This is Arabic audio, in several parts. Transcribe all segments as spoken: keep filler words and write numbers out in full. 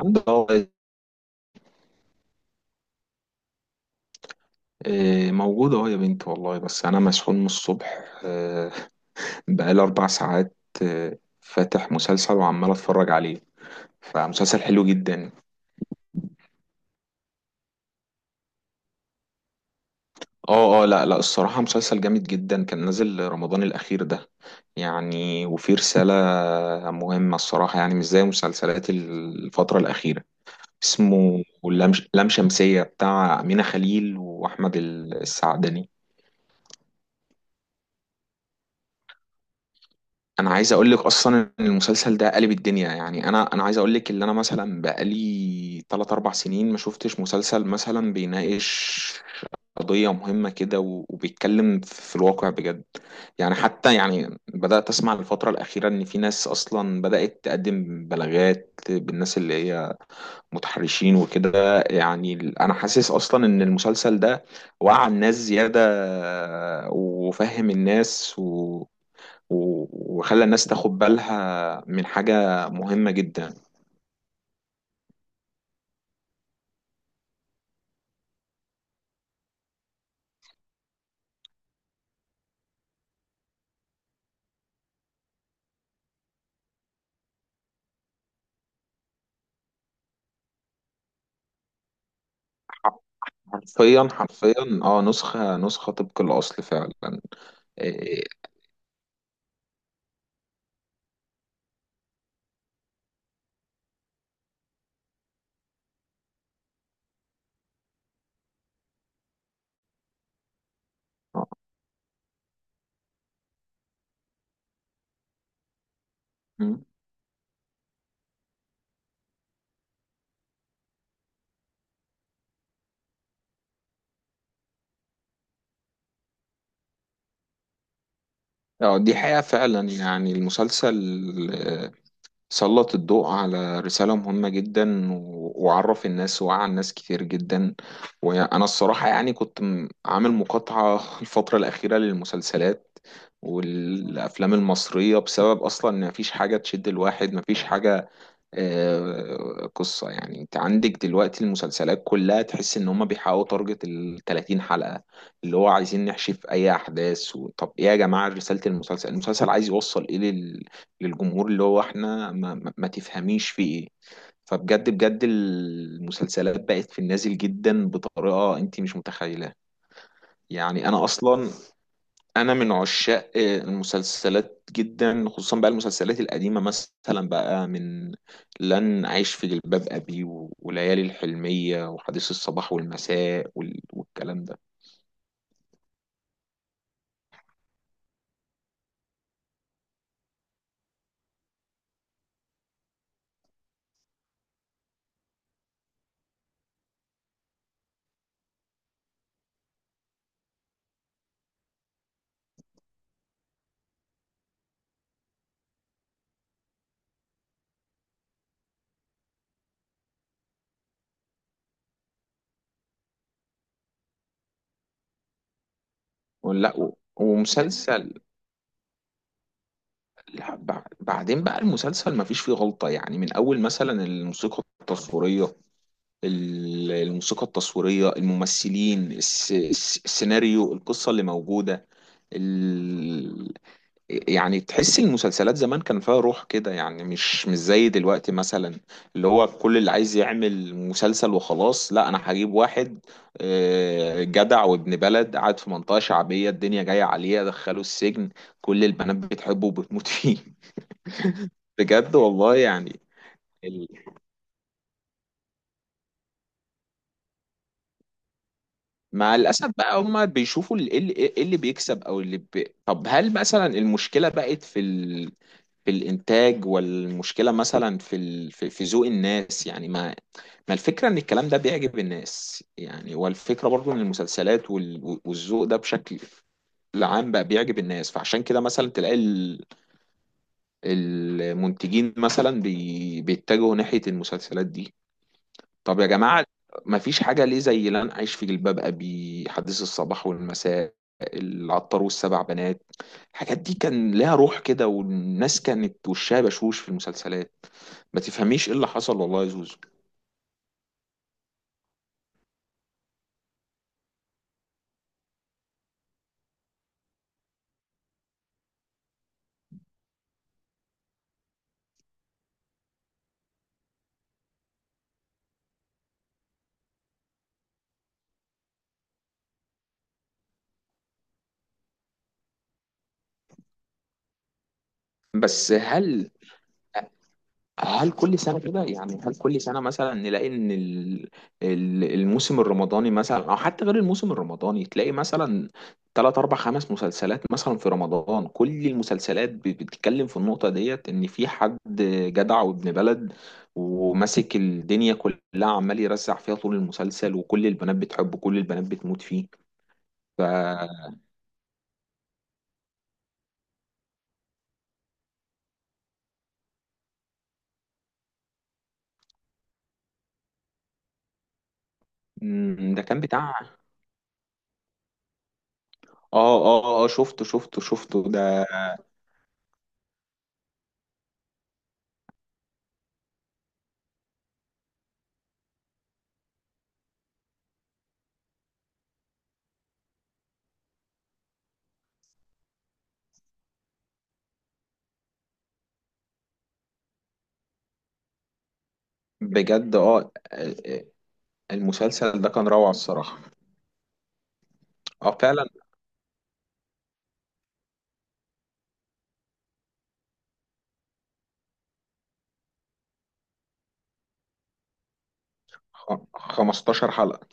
الحمد لله والله. إيه، موجود اهو يا بنتي والله، بس انا مسحول من الصبح، آه، بقالي اربع ساعات، آه، فاتح مسلسل وعمال اتفرج عليه، فمسلسل حلو جدا. اه اه، لا لا، الصراحة مسلسل جامد جدا، كان نازل رمضان الاخير ده يعني، وفيه رسالة مهمة الصراحة، يعني مش زي مسلسلات الفترة الاخيرة. اسمه لام لام شمسية بتاع أمينة خليل وأحمد السعدني. انا عايز اقول لك اصلا ان المسلسل ده قلب الدنيا، يعني انا انا عايز اقول لك ان انا مثلا بقالي ثلاثة أربع سنين ما شفتش مسلسل مثلا بيناقش قضية مهمة كده، و- وبيتكلم في الواقع بجد، يعني حتى يعني بدأت اسمع الفترة الأخيرة ان في ناس اصلا بدأت تقدم بلاغات بالناس اللي هي متحرشين وكده، يعني ال- انا حاسس اصلا ان المسلسل ده وعى الناس زيادة وفهم الناس، و- وخلى الناس تاخد بالها من حاجة مهمة جدا. حر- حرفيا حرفيا، اه، نسخة نسخة طبق الأصل فعلا. إيه، إيه، اه، مم، آه، دي حقيقة فعلا، يعني المسلسل، آه، سلط الضوء على رسالة مهمة جدا، و- وعرف الناس ووعى الناس كتير جدا. وأنا الصراحة يعني كنت م- عامل مقاطعة الفترة الأخيرة للمسلسلات والأفلام المصرية، بسبب أصلا إن مفيش حاجة تشد الواحد، مفيش حاجة، آه، قصة يعني. انت عندك دلوقتي المسلسلات كلها تحس ان هما بيحققوا تارجت ال تلاتين حلقة، اللي هو عايزين نحشف اي احداث. و... طب ايه يا جماعة، رسالة المسلسل، المسلسل عايز يوصل ايه لل... للجمهور، اللي هو احنا ما, ما ما تفهميش فيه ايه. فبجد بجد المسلسلات بقت في النازل جدا بطريقة انت مش متخيلة. يعني انا اصلا انا من عشاق المسلسلات جدا، خصوصا بقى المسلسلات القديمه، مثلا بقى من لن اعيش في جلباب ابي و- وليالي الحلميه وحديث الصباح والمساء وال- والكلام ده، ولا و- ومسلسل. لا، بع- بعدين بقى المسلسل ما فيش فيه غلطه، يعني من اول مثلا الموسيقى التصويريه، ال- الموسيقى التصويريه، الممثلين، الس- الس- السيناريو، القصه اللي موجوده. يعني تحس المسلسلات زمان كان فيها روح كده، يعني مش مش زي دلوقتي مثلا، اللي هو كل اللي عايز يعمل مسلسل وخلاص. لا، انا هجيب واحد، آه، جدع وابن بلد، قاعد في منطقة شعبية، الدنيا جاية عليه، ادخله السجن، كل البنات بتحبه وبتموت فيه بجد والله يعني. ال- مع الاسف بقى هما بيشوفوا ال- ايه اللي، إيه اللي بيكسب او اللي بي... طب هل مثلا المشكلة بقت في في الانتاج، والمشكله مثلا في ال... في في ذوق الناس، يعني ما ما الفكره ان الكلام ده بيعجب الناس، يعني والفكره برضو ان المسلسلات وال... والذوق ده بشكل العام بقى بيعجب الناس، فعشان كده مثلا تلاقي ال... المنتجين مثلا بي... بيتجهوا ناحيه المسلسلات دي. طب يا جماعه ما فيش حاجه ليه زي لن اعيش في جلباب ابي، حديث الصباح والمساء، العطار والسبع بنات. الحاجات دي كان لها روح كده، والناس كانت وشها بشوش في المسلسلات. ما تفهميش ايه اللي حصل والله يا زوزو. بس هل هل كل سنة كده، يعني هل كل سنة مثلا نلاقي ان ال- ال- الموسم الرمضاني مثلا او حتى غير الموسم الرمضاني، تلاقي مثلا تلات اربع خمس مسلسلات مثلا في رمضان، كل المسلسلات ب- بتتكلم في النقطة ديت ان في حد جدع وابن بلد وماسك الدنيا كلها، عمال يرزع فيها طول المسلسل، وكل البنات بتحبه، كل البنات بتموت فيه. ف، مم، ده كان بتاع، اه اه اه، شفته شفته شفته ده. بجد اه. المسلسل ده كان روعة الصراحة. اه فعلا. خ- خمستاشر حلقة.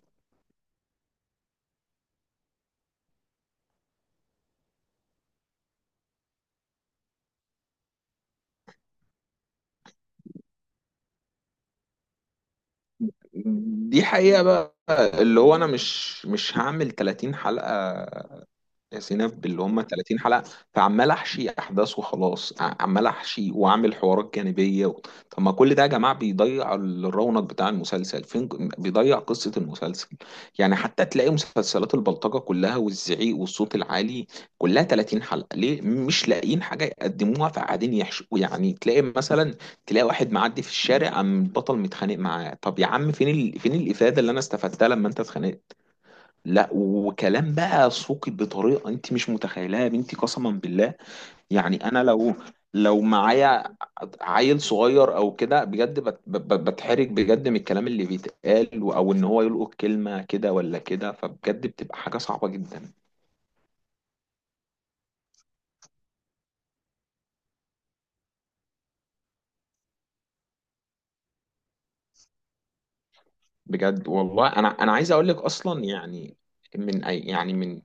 دي حقيقة بقى، اللي هو انا مش مش هعمل تلاتين حلقة يا سينا، باللي هم ثلاثين حلقة، فعمال احشي احداث وخلاص، ع- عمال احشي واعمل حوارات جانبية. و... طب ما كل ده يا جماعة بيضيع ال- الرونق بتاع المسلسل فين، بيضيع قصة المسلسل. يعني حتى تلاقي مسلسلات البلطجة كلها والزعيق والصوت العالي كلها تلاتين حلقة، ليه؟ مش لاقيين حاجة يقدموها فقاعدين يحشوا. يعني تلاقي مثلا تلاقي واحد معدي في الشارع، قام البطل متخانق معاه، طب يا عم فين ال... فين الإفادة اللي انا استفدتها لما انت اتخانقت؟ لا وكلام بقى سوقي بطريقه انت مش متخيلها يا بنتي، قسما بالله. يعني انا لو، لو معايا عيل صغير او كده، بجد بت- بت- بتحرج بجد من الكلام اللي بيتقال، و- او ان هو يلقط كلمه كده ولا كده، فبجد بتبقى حاجه صعبه جدا. بجد والله انا انا عايز اقول لك اصلا، يعني من أي يعني، من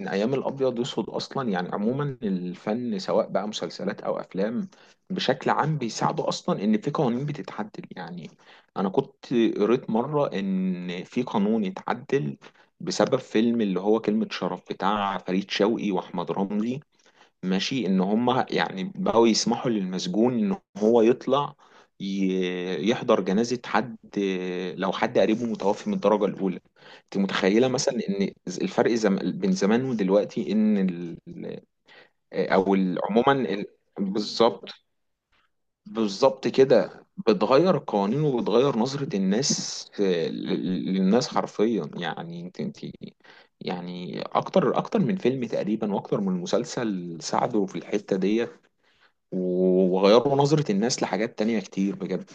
من ايام الابيض واسود اصلا، يعني عموما الفن سواء بقى مسلسلات او افلام بشكل عام بيساعدوا اصلا ان في قوانين بتتعدل. يعني انا كنت قريت مره ان في قانون اتعدل بسبب فيلم اللي هو كلمه شرف بتاع فريد شوقي واحمد رمزي، ماشي، ان هم يعني بقوا يسمحوا للمسجون ان هو يطلع، ي- يحضر جنازة حد لو حد قريبه متوفي من الدرجة الأولى. انت متخيلة مثلا ان الفرق زم... بين زمان ودلوقتي ان ال... او ال- عموما ال... بالظبط، بالظبط كده بتغير القوانين، وبتغير نظرة الناس، آه، ل- للناس حرفيا، يعني انت انت يعني اكتر اكتر من فيلم تقريبا واكتر من مسلسل ساعدوا في الحتة ديت، وغيروا نظرة الناس لحاجات تانية كتير بجد.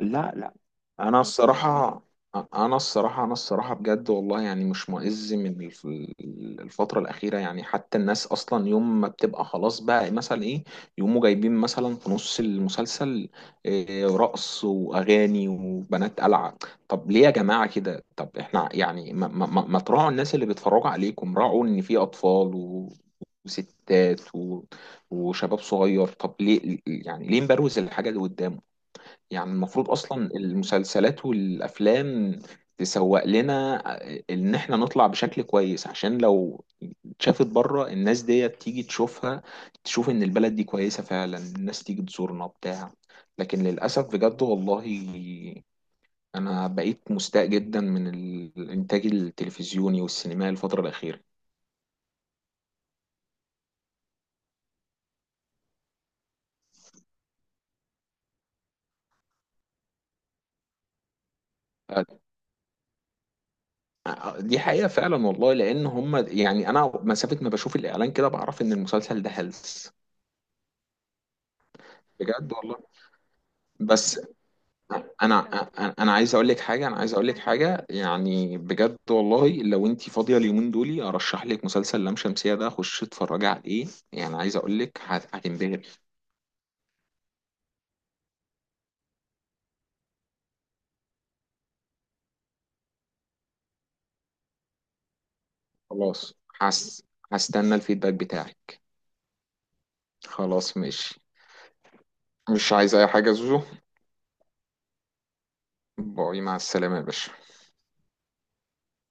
لا، انا الصراحه انا الصراحه انا الصراحه بجد والله، يعني مش مئز من الف- الفتره الاخيره، يعني حتى الناس اصلا يوم ما بتبقى خلاص بقى مثلا ايه، يقوموا جايبين مثلا في نص المسلسل، إيه، رقص واغاني وبنات قلعه. طب ليه يا جماعه كده؟ طب احنا يعني ما, ما, ما ما تراعوا الناس اللي بيتفرجوا عليكم، راعوا ان في اطفال و وستات و... وشباب صغير. طب ليه يعني؟ ليه مبروز الحاجة اللي قدامه؟ يعني المفروض اصلا المسلسلات والافلام تسوق لنا ان احنا نطلع بشكل كويس، عشان لو اتشافت بره، الناس دي تيجي تشوفها، تشوف ان البلد دي كويسة فعلا، الناس تيجي تزورنا بتاع، لكن للاسف بجد والله انا بقيت مستاء جدا من الانتاج التلفزيوني والسينمائي الفترة الأخيرة. دي حقيقة فعلا والله، لأن هم يعني أنا مسافة ما بشوف الإعلان كده بعرف إن المسلسل ده هلس. بجد والله. بس انا انا أنا عايز اقول لك حاجه، انا عايز اقول لك حاجه يعني بجد والله، لو انت فاضيه اليومين دول ارشح لك مسلسل لام شمسيه ده، خش اتفرجي عليه، يعني عايز اقول لك هت- هتنبهر. خلاص. هس، هستنى الفيدباك بتاعي. خلاص ماشي. مش عايز اي حاجه يا زوزو. باي، مع السلامه يا باشا.